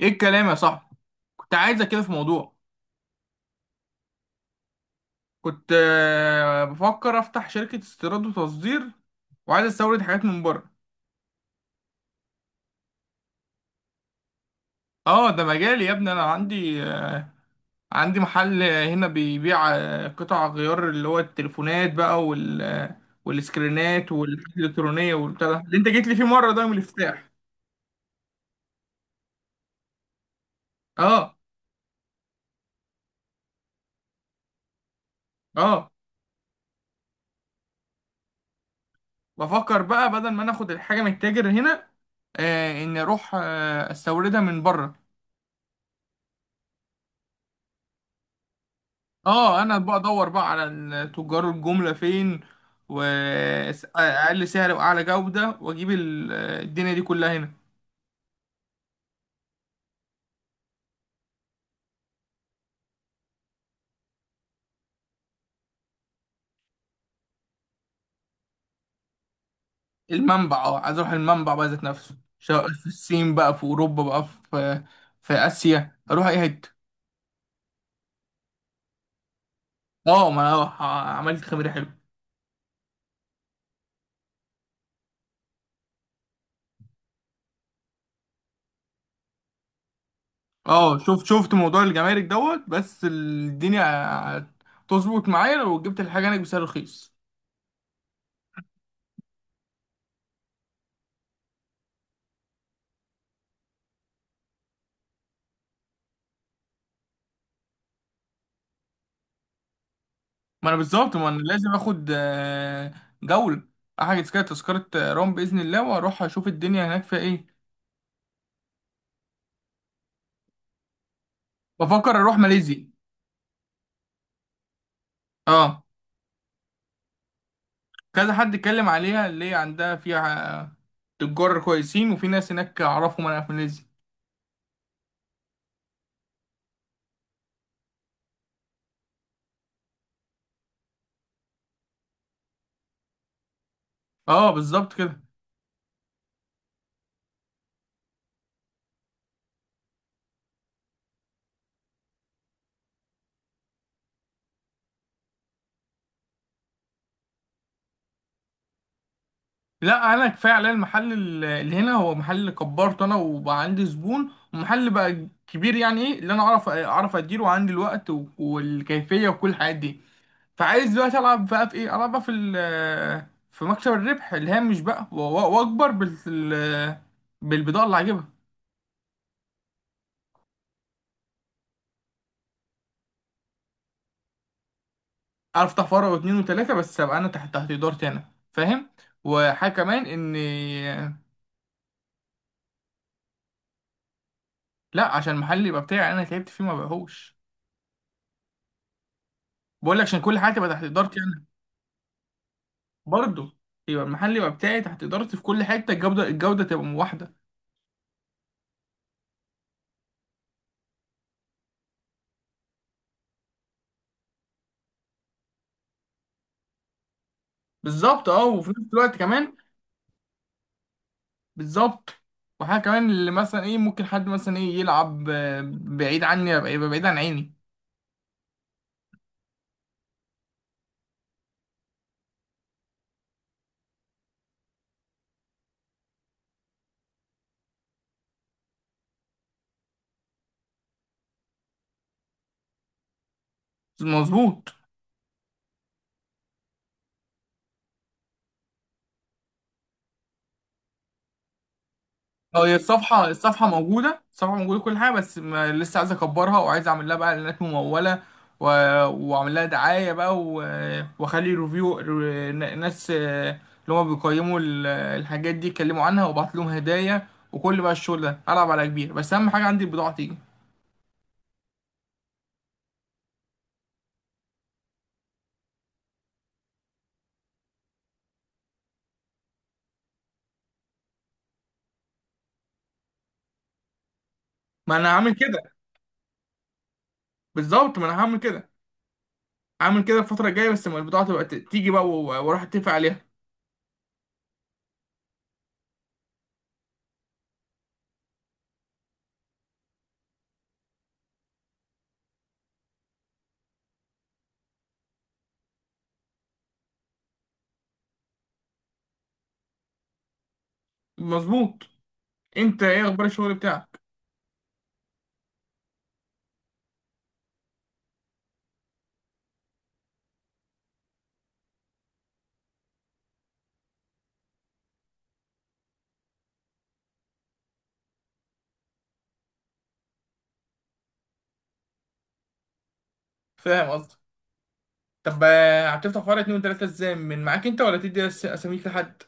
ايه الكلام يا صاحبي؟ كنت عايزك كده في موضوع. كنت بفكر افتح شركة استيراد وتصدير، وعايز استورد حاجات من بره. اه، ده مجالي يا ابني. انا عندي محل هنا بيبيع قطع غيار، اللي هو التليفونات بقى، والسكرينات والحاجات الالكترونية والبتاع ده اللي انت جيت لي فيه مرة، ده يوم الافتتاح. اه اه، بفكر بقى بدل ما انا اخد الحاجة من التاجر هنا، اني اروح استوردها من بره. اه، انا بقى ادور بقى على تجار الجملة فين، واقل سعر واعلى جودة، واجيب الدنيا دي كلها هنا. المنبع، اه، عايز اروح المنبع بقى ذات نفسه، سواء في الصين بقى، في اوروبا بقى، في في اسيا، اروح اي حتة. اه، ما انا عملت خميرة حلو. اه، شفت موضوع الجمارك دوت، بس الدنيا هتظبط معايا لو جبت الحاجة هناك بسعر رخيص. ما انا بالظبط، ما انا لازم اخد جولة. احجز كده تذكرة روم بإذن الله، واروح اشوف الدنيا هناك فيها ايه. بفكر اروح ماليزيا. اه، كذا حد اتكلم عليها، اللي هي عندها فيها تجار كويسين، وفي ناس هناك اعرفهم انا في ماليزيا. اه، بالظبط كده. لا، انا كفايه عليا المحل اللي هنا. هو محل اللي كبرته انا، وبقى عندي زبون، ومحل بقى كبير، يعني ايه اللي انا اعرف اديره، وعندي الوقت والكيفيه وكل الحاجات دي. فعايز دلوقتي العب بقى في ايه، العب بقى في مكسب الربح اللي هامش بقى، واكبر بالبضاعه اللي هجيبها. افتح فرع واتنين وتلاته، بس ابقى انا تحت ادارتي انا، فاهم. وحاجه كمان ان. لا، عشان المحل يبقى بتاعي، انا تعبت فيه ما بقهوش. بقول لك عشان كل حاجه تبقى تحت ادارتي انا، برضه. يبقى المحل يبقى بتاعي تحت ادارتي في كل حته، الجوده تبقى واحده. بالظبط. اه، وفي نفس الوقت كمان. بالظبط. وحاجة كمان، اللي مثلا ايه، ممكن حد مثلا ايه يلعب بعيد عني، يبقى بعيد عن عيني. مظبوط. اه، هي الصفحة موجودة، الصفحة موجودة، كل حاجة، بس ما لسه عايز اكبرها، وعايز اعمل لها بقى اعلانات ممولة، و... واعمل لها دعاية بقى، واخلي ريفيو، ناس اللي هما بيقيموا الحاجات دي يتكلموا عنها، وابعت لهم هدايا. وكل بقى الشغل ده العب على كبير، بس اهم حاجة عندي البضاعة تيجي. ما انا هعمل كده. بالظبط، ما انا هعمل كده، عامل كده الفترة الجاية، بس لما البضاعة تبقى تيجي بقى، واروح اتفق عليها. مظبوط. انت ايه اخبار الشغل بتاعك؟ فاهم قصدي. طب هتفتح فرع اتنين وتلاتة ازاي، من معاك انت ولا تدي اساميك لحد؟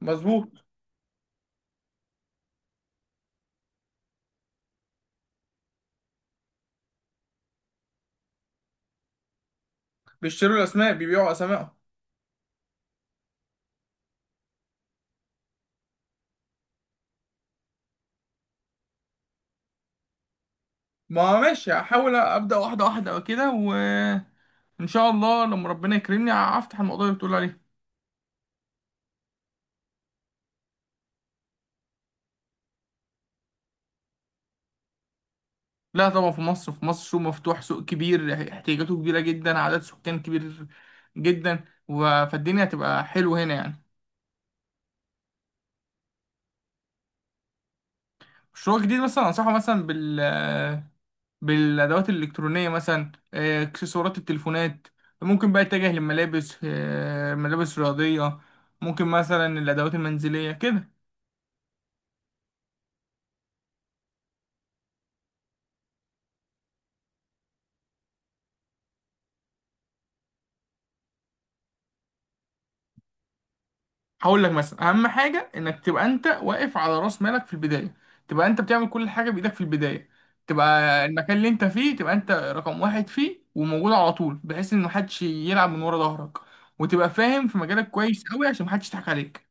مظبوط. بيشتروا الاسماء، بيبيعوا اسمائهم. ما هو ماشي، هحاول ابدا واحدة واحدة كده، وان شاء الله لما ربنا يكرمني هفتح الموضوع اللي بتقول عليه. لا طبعا، في مصر، في مصر سوق مفتوح، سوق كبير احتياجاته كبيرة جدا، عدد سكان كبير جدا، فالدنيا هتبقى حلوة هنا يعني. مشروع جديد مثلا انصحه مثلا بالادوات الالكترونيه، مثلا اكسسوارات التليفونات. ممكن بقى يتجه للملابس، ملابس رياضيه. ممكن مثلا الادوات المنزليه كده. هقول لك مثلا، اهم حاجه انك تبقى انت واقف على راس مالك في البدايه. تبقى انت بتعمل كل حاجه بايدك في البدايه. تبقى المكان اللي انت فيه، تبقى انت رقم واحد فيه، وموجود على طول، بحيث ان محدش يلعب من ورا ظهرك. وتبقى فاهم في مجالك كويس قوي، عشان محدش يضحك عليك.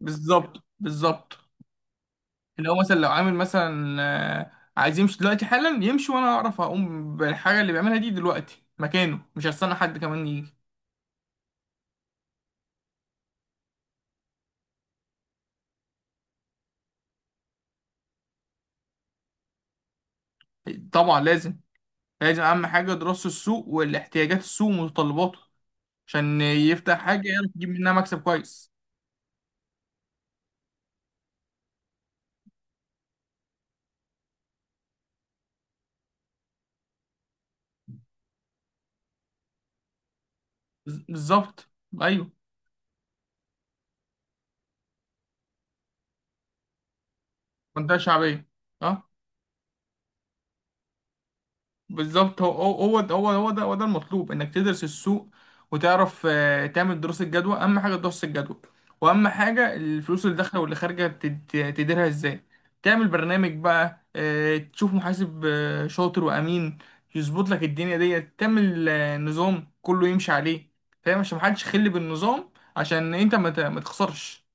بالظبط، بالظبط. اللي هو مثلا لو عامل مثلا عايز يمشي دلوقتي حالا، يمشي، وانا اعرف اقوم بالحاجه اللي بيعملها دي دلوقتي مكانه، مش هستنى حد كمان يجي. طبعا لازم. لازم اهم حاجه دراسه السوق، والاحتياجات السوق ومتطلباته، عشان يفتح حاجه يعرف يجيب منها مكسب كويس. بالظبط. ايوه. منطقه شعبيه. اه، بالظبط. هو هو هو ده هو هو ده هو ده المطلوب، انك تدرس السوق، وتعرف تعمل دراسة جدوى، اهم حاجة دراسة الجدوى. واهم حاجة الفلوس اللي داخلة واللي خارجة تديرها ازاي. تعمل برنامج بقى، تشوف محاسب شاطر وامين، يظبط لك الدنيا ديت، تعمل نظام كله يمشي عليه، فاهم، عشان محدش يخل بالنظام، عشان انت ما تخسرش.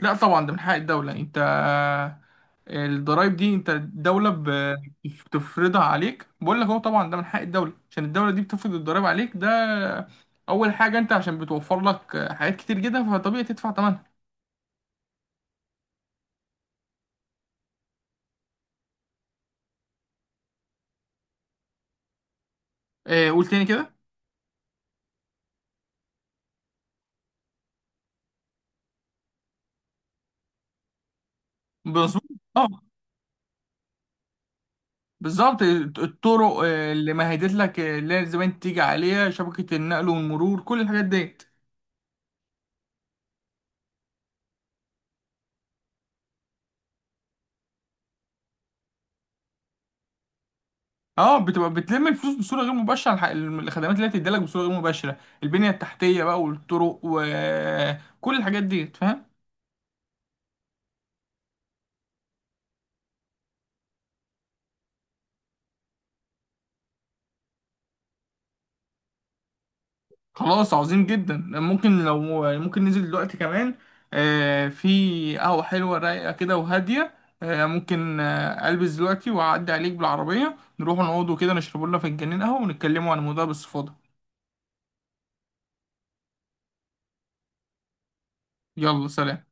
لا طبعا، ده من حق الدولة. انت الضرايب دي، انت الدولة بتفرضها عليك. بقول لك هو طبعا ده من حق الدولة، عشان الدولة دي بتفرض الضرايب عليك ده، أول حاجة، انت عشان بتوفر لك حاجات كتير جدا، فطبيعي تدفع ثمنها. اه، قول تاني كده. مظبوط. اه، بالظبط. الطرق اللي مهدت لك، اللي هي زمان تيجي عليها شبكة النقل والمرور، كل الحاجات ديت. اه، بتبقى بتلم الفلوس بصوره غير مباشره، الخدمات اللي هي بتديلك بصوره غير مباشره، البنيه التحتيه بقى، والطرق، وكل الحاجات دي، فاهم. خلاص، عظيم جدا. ممكن ننزل دلوقتي كمان، في قهوه حلوه رايقه كده وهاديه، ممكن البس دلوقتي واعدي عليك بالعربيه، نروح نقعد كده، نشرب لنا فنجانين قهوه، ونتكلموا عن الموضوع باستفاضه. يلا سلام.